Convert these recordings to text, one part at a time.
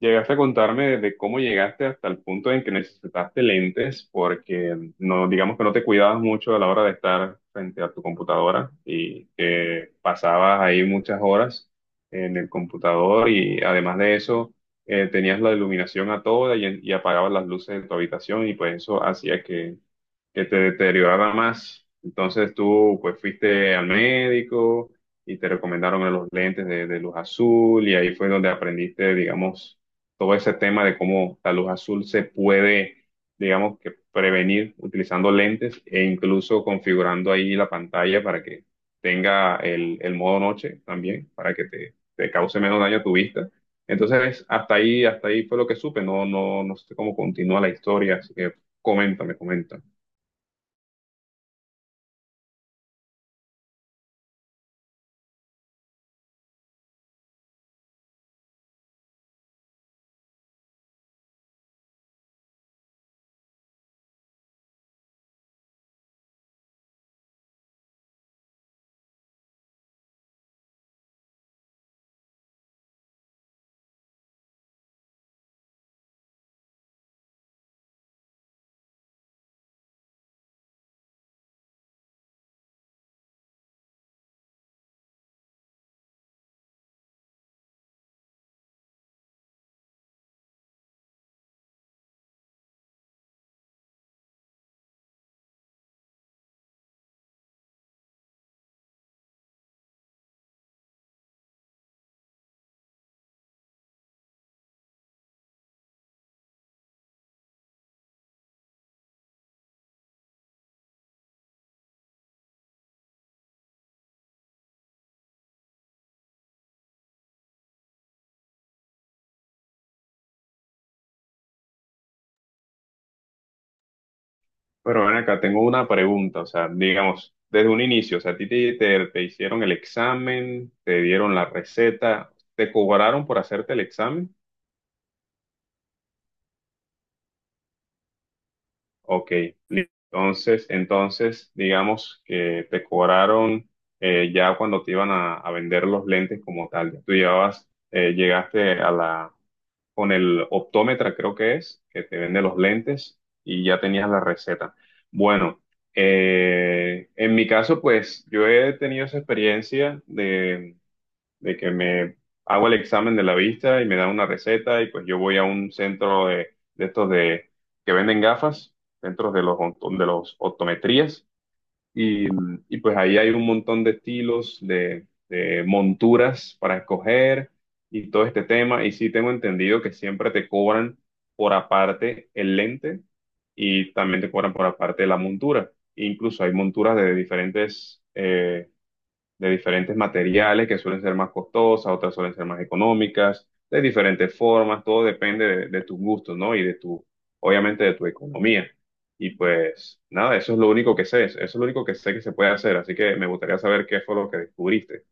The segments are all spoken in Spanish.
Llegaste a contarme de cómo llegaste hasta el punto en que necesitaste lentes porque no, digamos que no te cuidabas mucho a la hora de estar frente a tu computadora y que pasabas ahí muchas horas en el computador y además de eso tenías la iluminación a toda y apagabas las luces de tu habitación y pues eso hacía que te deteriorara más. Entonces tú pues fuiste al médico y te recomendaron los lentes de luz azul y ahí fue donde aprendiste, digamos, todo ese tema de cómo la luz azul se puede, digamos, que prevenir utilizando lentes e incluso configurando ahí la pantalla para que tenga el modo noche también, para que te cause menos daño a tu vista. Entonces, hasta ahí fue lo que supe, no, no, no sé cómo continúa la historia, así que coméntame, coméntame. Pero ven acá, tengo una pregunta, o sea, digamos, desde un inicio, o sea, a ti te hicieron el examen, te dieron la receta, ¿te cobraron por hacerte el examen? Ok, li- entonces, entonces, digamos que te cobraron ya cuando te iban a vender los lentes como tal, tú llevabas, llegaste a la, con el optómetra, creo que es, que te vende los lentes y ya tenías la receta. Bueno, en mi caso, pues yo he tenido esa experiencia de que me hago el examen de la vista y me dan una receta y pues yo voy a un centro de estos de, que venden gafas, centros de los, onto- de los optometrías y, y pues ahí hay un montón de estilos, de monturas para escoger y todo este tema. Y sí tengo entendido que siempre te cobran por aparte el lente y también te cobran por aparte la montura. Incluso hay monturas de diferentes materiales que suelen ser más costosas, otras suelen ser más económicas, de diferentes formas, todo depende de tus gustos, ¿no? Y de tu, obviamente, de tu economía. Y pues nada, eso es lo único que sé, eso es lo único que sé que se puede hacer, así que me gustaría saber qué fue lo que descubriste.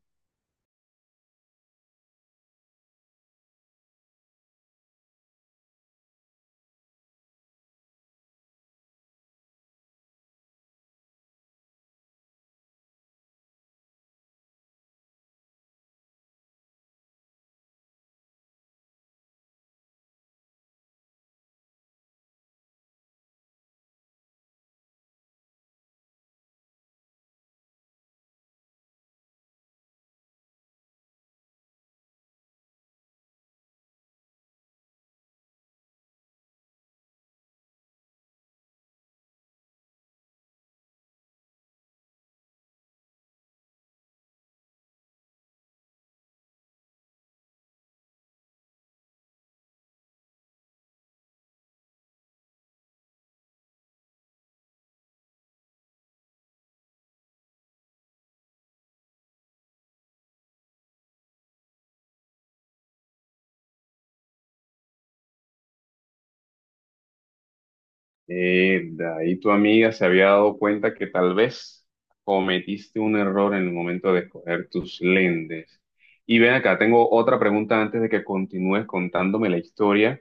De ahí tu amiga se había dado cuenta que tal vez cometiste un error en el momento de escoger tus lentes. Y ven acá, tengo otra pregunta antes de que continúes contándome la historia.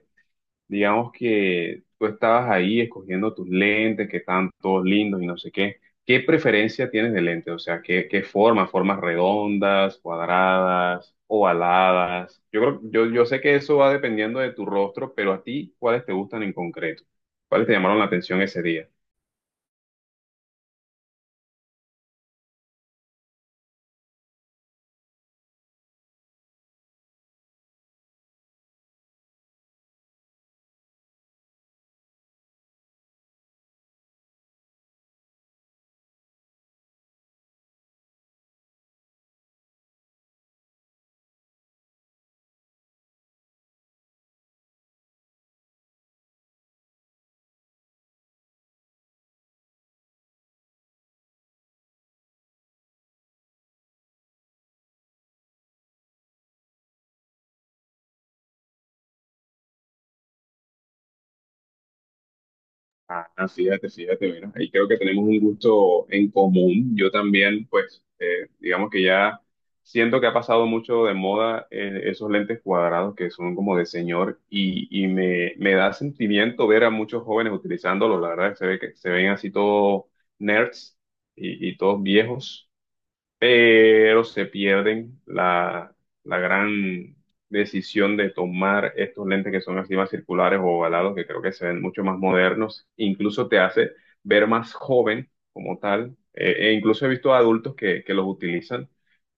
Digamos que tú estabas ahí escogiendo tus lentes, que están todos lindos y no sé qué. ¿Qué preferencia tienes de lente? O sea, ¿qué, qué forma? ¿Formas redondas, cuadradas, ovaladas? Yo creo, yo sé que eso va dependiendo de tu rostro, pero a ti, ¿cuáles te gustan en concreto? ¿Cuáles te llamaron la atención ese día? Ah, no, fíjate, fíjate, mira, ahí creo que tenemos un gusto en común. Yo también, pues, digamos que ya siento que ha pasado mucho de moda esos lentes cuadrados que son como de señor y me da sentimiento ver a muchos jóvenes utilizándolos. La verdad, que se ve que se ven así todos nerds y todos viejos, pero se pierden la, la gran decisión de tomar estos lentes que son así más circulares o ovalados, que creo que se ven mucho más modernos, incluso te hace ver más joven como tal, e incluso he visto adultos que los utilizan,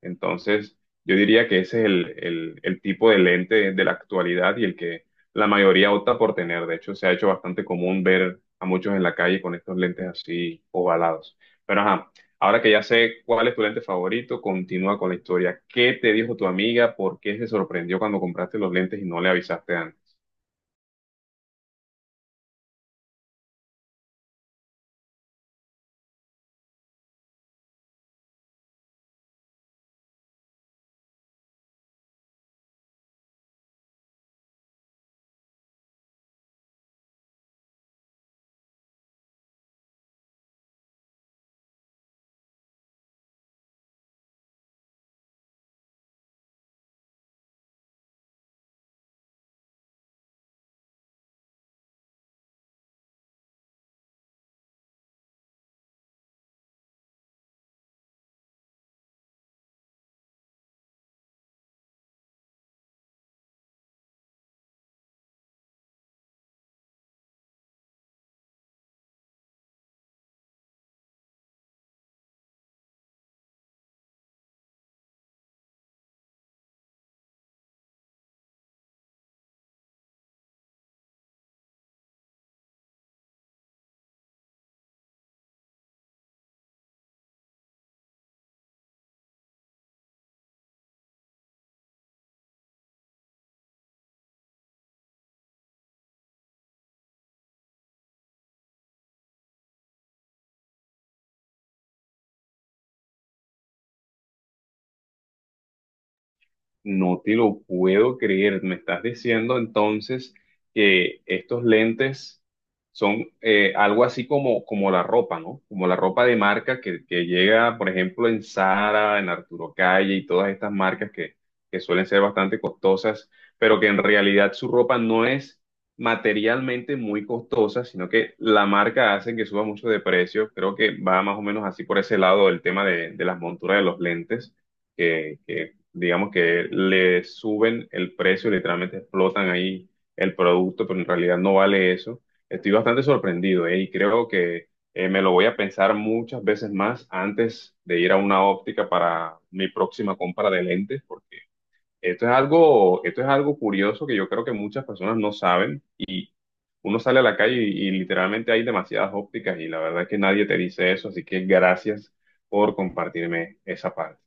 entonces yo diría que ese es el tipo de lente de la actualidad y el que la mayoría opta por tener. De hecho se ha hecho bastante común ver a muchos en la calle con estos lentes así ovalados. Pero ajá, ahora que ya sé cuál es tu lente favorito, continúa con la historia. ¿Qué te dijo tu amiga? ¿Por qué se sorprendió cuando compraste los lentes y no le avisaste antes? No te lo puedo creer. Me estás diciendo entonces que estos lentes son algo así como, como la ropa, ¿no? Como la ropa de marca que llega, por ejemplo, en Zara, en Arturo Calle y todas estas marcas que suelen ser bastante costosas, pero que en realidad su ropa no es materialmente muy costosa, sino que la marca hace que suba mucho de precio. Creo que va más o menos así por ese lado el tema de las monturas de los lentes que digamos que le suben el precio, literalmente explotan ahí el producto, pero en realidad no vale eso. Estoy bastante sorprendido, ¿eh? Y creo que me lo voy a pensar muchas veces más antes de ir a una óptica para mi próxima compra de lentes, porque esto es algo curioso que yo creo que muchas personas no saben. Uno sale a la calle y literalmente hay demasiadas ópticas y la verdad es que nadie te dice eso, así que gracias por compartirme esa parte.